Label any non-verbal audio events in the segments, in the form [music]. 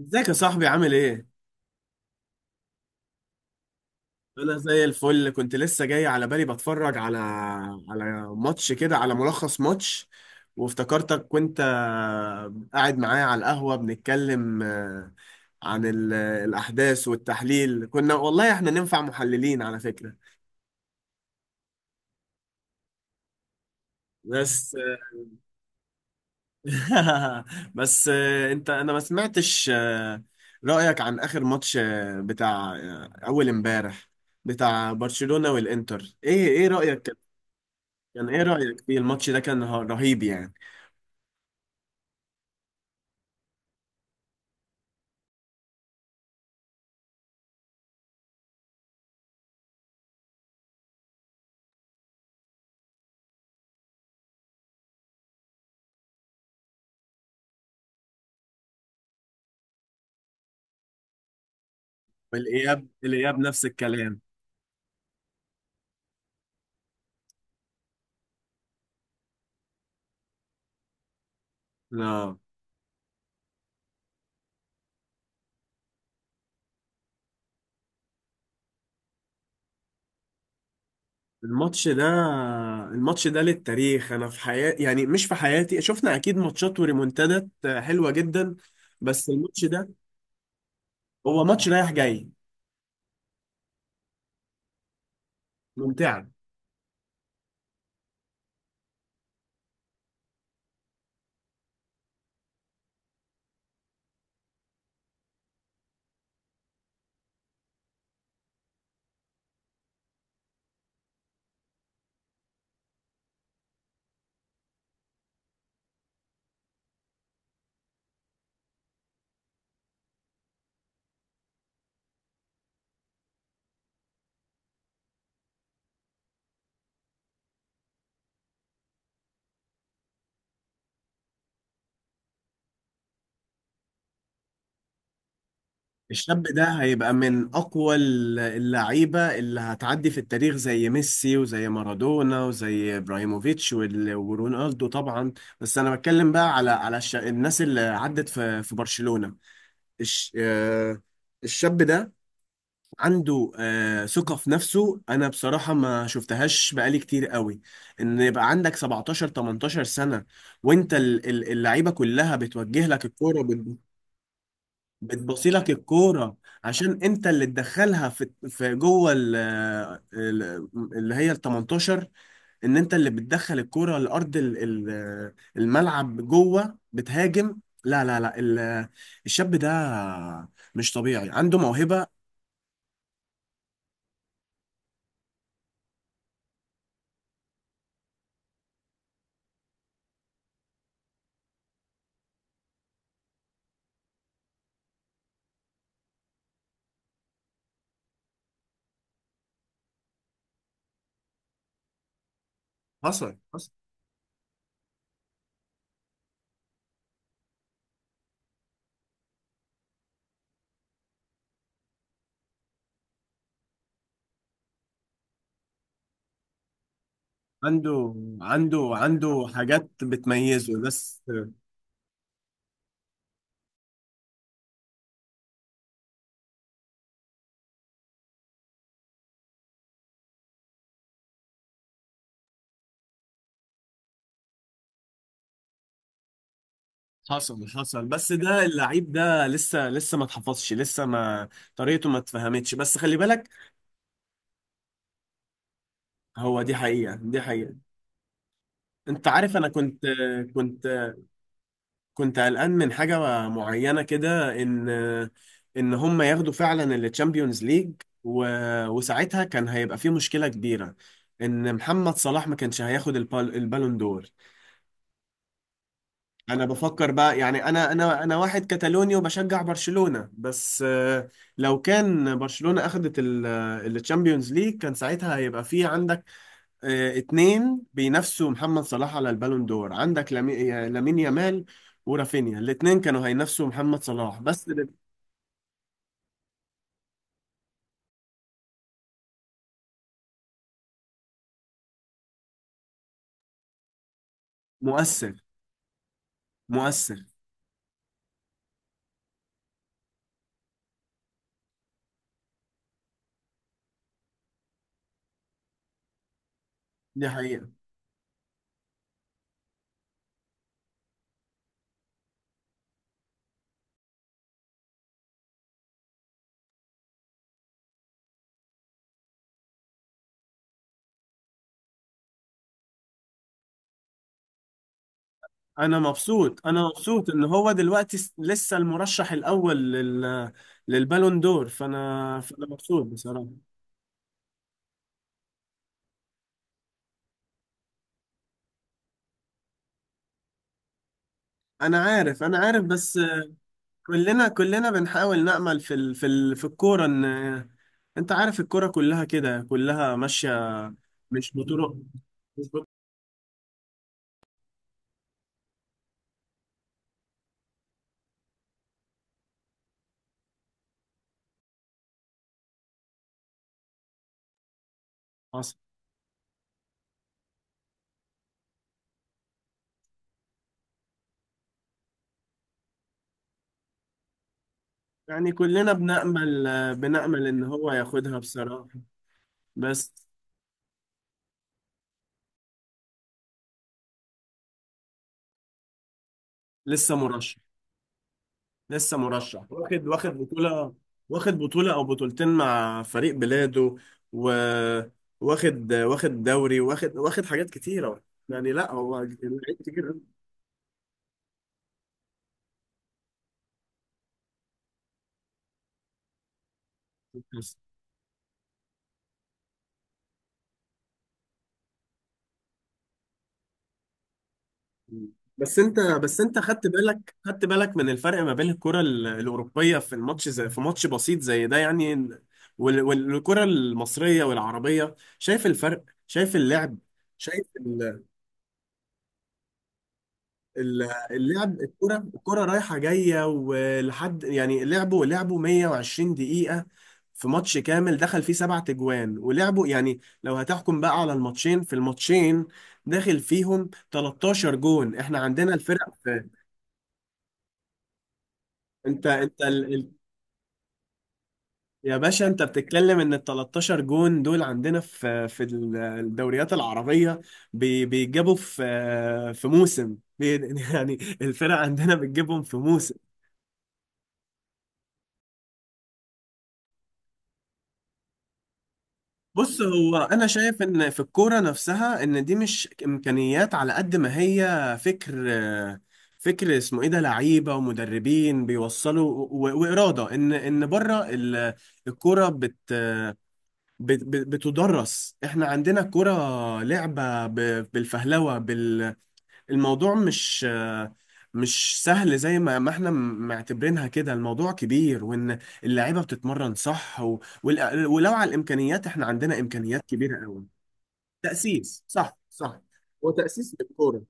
ازيك يا صاحبي؟ عامل ايه؟ انا زي الفل. كنت لسه جاي على بالي، بتفرج على ماتش كده، على ملخص ماتش، وافتكرتك وانت قاعد معايا على القهوة بنتكلم، عن الاحداث والتحليل. كنا والله احنا ننفع محللين على فكرة. بس [laughs] بس، انت انا ما سمعتش رأيك عن اخر ماتش، بتاع اول امبارح، بتاع برشلونة والانتر. ايه رأيك؟ كان ايه رأيك فيه؟ الماتش ده كان رهيب يعني. والاياب، نفس الكلام. لا. الماتش ده، الماتش ده للتاريخ. انا في حياتي، يعني مش في حياتي، شفنا اكيد ماتشات وريمونتادات حلوة جدا، بس الماتش ده هو ماتش رايح جاي ممتع. الشاب ده هيبقى من اقوى اللعيبة اللي هتعدي في التاريخ، زي ميسي وزي مارادونا وزي ابراهيموفيتش ورونالدو طبعا. بس انا بتكلم بقى على الناس اللي عدت في برشلونة. الش... آه، الشاب ده عنده، ثقة في نفسه أنا بصراحة ما شفتهاش بقالي كتير قوي. إن يبقى عندك 17 18 سنة، وأنت اللعيبة كلها بتوجه لك الكورة، بتبصي لك الكورة، عشان أنت اللي تدخلها في جوه اللي هي ال 18. ان انت اللي بتدخل الكرة لارض الملعب، جوه بتهاجم. لا لا لا، الشاب ده مش طبيعي، عنده موهبة. حصل حصل. عنده عنده حاجات بتميزه بس. حصل حصل. بس ده اللعيب ده لسه، ما اتحفظش لسه، ما طريقته ما اتفهمتش، بس خلي بالك. هو دي حقيقة، دي حقيقة. انت عارف، انا كنت، كنت كنت قلقان من حاجة معينة كده، إن هم ياخدوا فعلا التشامبيونز ليج، و... وساعتها كان هيبقى في مشكلة كبيرة، إن محمد صلاح ما كانش هياخد البالون دور. أنا بفكر بقى، يعني أنا واحد كتالوني وبشجع برشلونة بس، لو كان برشلونة أخدت التشامبيونز ليج، كان ساعتها هيبقى في عندك، اتنين بينافسوا محمد صلاح على البالون دور. عندك لامين يامال ورافينيا، الاتنين كانوا هينافسوا محمد صلاح بس. مؤثر. مؤثر. دي حقيقة. انا مبسوط، انا مبسوط ان هو دلوقتي، لسه المرشح الاول للبالون دور. فانا مبسوط بصراحة. انا عارف، انا عارف، بس كلنا، بنحاول نأمل في الكورة ان، انت عارف، الكورة كلها كده كلها ماشية. مش بطرق، مش بطرق، يعني كلنا بنأمل، إن هو ياخدها بصراحة. بس لسه مرشح، لسه مرشح، واخد، بطولة، واخد بطولة أو بطولتين مع فريق بلاده، و، واخد، دوري، واخد، حاجات كتيرة. يعني لا هو لعيب كتير أوي. مم. بس انت، خدت بالك، من الفرق ما بين الكرة الأوروبية في الماتش، زي في ماتش بسيط زي ده يعني، والكرة المصرية والعربية. شايف الفرق؟ شايف اللعب؟ شايف ال- اللعب؟ الكرة، رايحة جاية ولحد، يعني لعبوا، 120 دقيقة في ماتش كامل، دخل فيه سبعة تجوان، ولعبوا يعني. لو هتحكم بقى على الماتشين، في الماتشين داخل فيهم 13 جون، احنا عندنا الفرق. انت انت يا باشا، انت بتتكلم ان ال 13 جون دول عندنا في الدوريات العربية، بيجابوا في موسم، [laughs] يعني الفرق عندنا بتجيبهم في موسم. بص، هو انا شايف ان في الكورة نفسها، ان دي مش امكانيات على قد ما هي فكر. فكر اسمه ايه ده، لعيبة ومدربين بيوصلوا، و... وإرادة، ان بره الكورة، بتدرس. احنا عندنا كرة لعبة بالفهلوة، الموضوع مش، سهل زي ما، احنا معتبرينها كده. الموضوع كبير، وان اللعيبة بتتمرن صح، و... ولو على الامكانيات، احنا عندنا امكانيات كبيرة قوي. تأسيس، صح صح. هو تأسيس للكورة.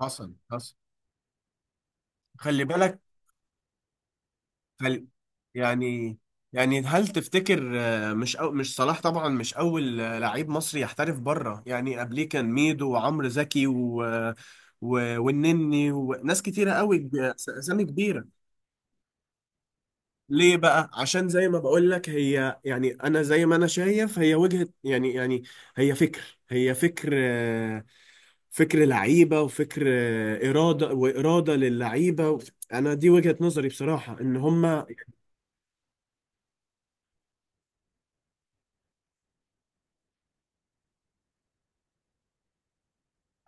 حصل حصل، خلي بالك. هل، يعني، هل تفتكر، مش، أو مش صلاح طبعا، مش اول، لعيب مصري يحترف بره؟ يعني قبليه كان ميدو وعمرو زكي، والنني وناس كتيره قوي، اسامي كبيره. ليه بقى؟ عشان زي ما بقول لك، هي يعني، انا زي ما انا شايف، هي وجهة، يعني، هي فكر، هي فكر آه، فكر لعيبه، وفكر، اراده واراده للعيبه. انا دي وجهة نظري بصراحه، ان هم،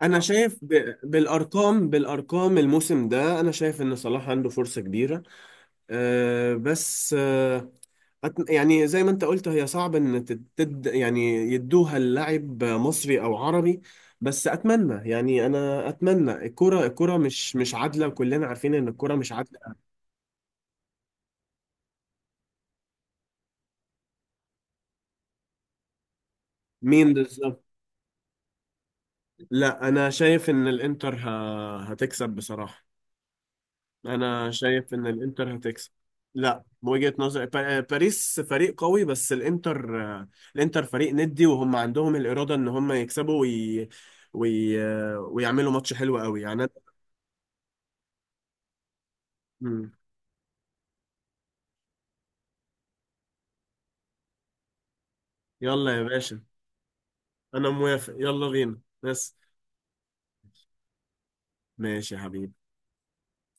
انا شايف بالارقام، الموسم ده، انا شايف ان صلاح عنده فرصة كبيرة. أه بس، أه، يعني زي ما انت قلت، هي صعب ان يعني يدوها للاعب مصري او عربي. بس اتمنى، يعني انا اتمنى. الكرة، مش، عادلة، وكلنا عارفين ان الكرة مش عادلة. مين بالظبط؟ لا انا شايف ان الانتر، هتكسب بصراحة. انا شايف ان الانتر هتكسب. لا، بوجهة نظري، باريس فريق قوي، بس الانتر، الانتر فريق ندي، وهم عندهم الإرادة ان هم يكسبوا، وي... ويعملوا ماتش حلو قوي يعني. أنا... مم. يلا يا باشا. انا موافق، يلا بينا بس. ماشي يا حبيبي.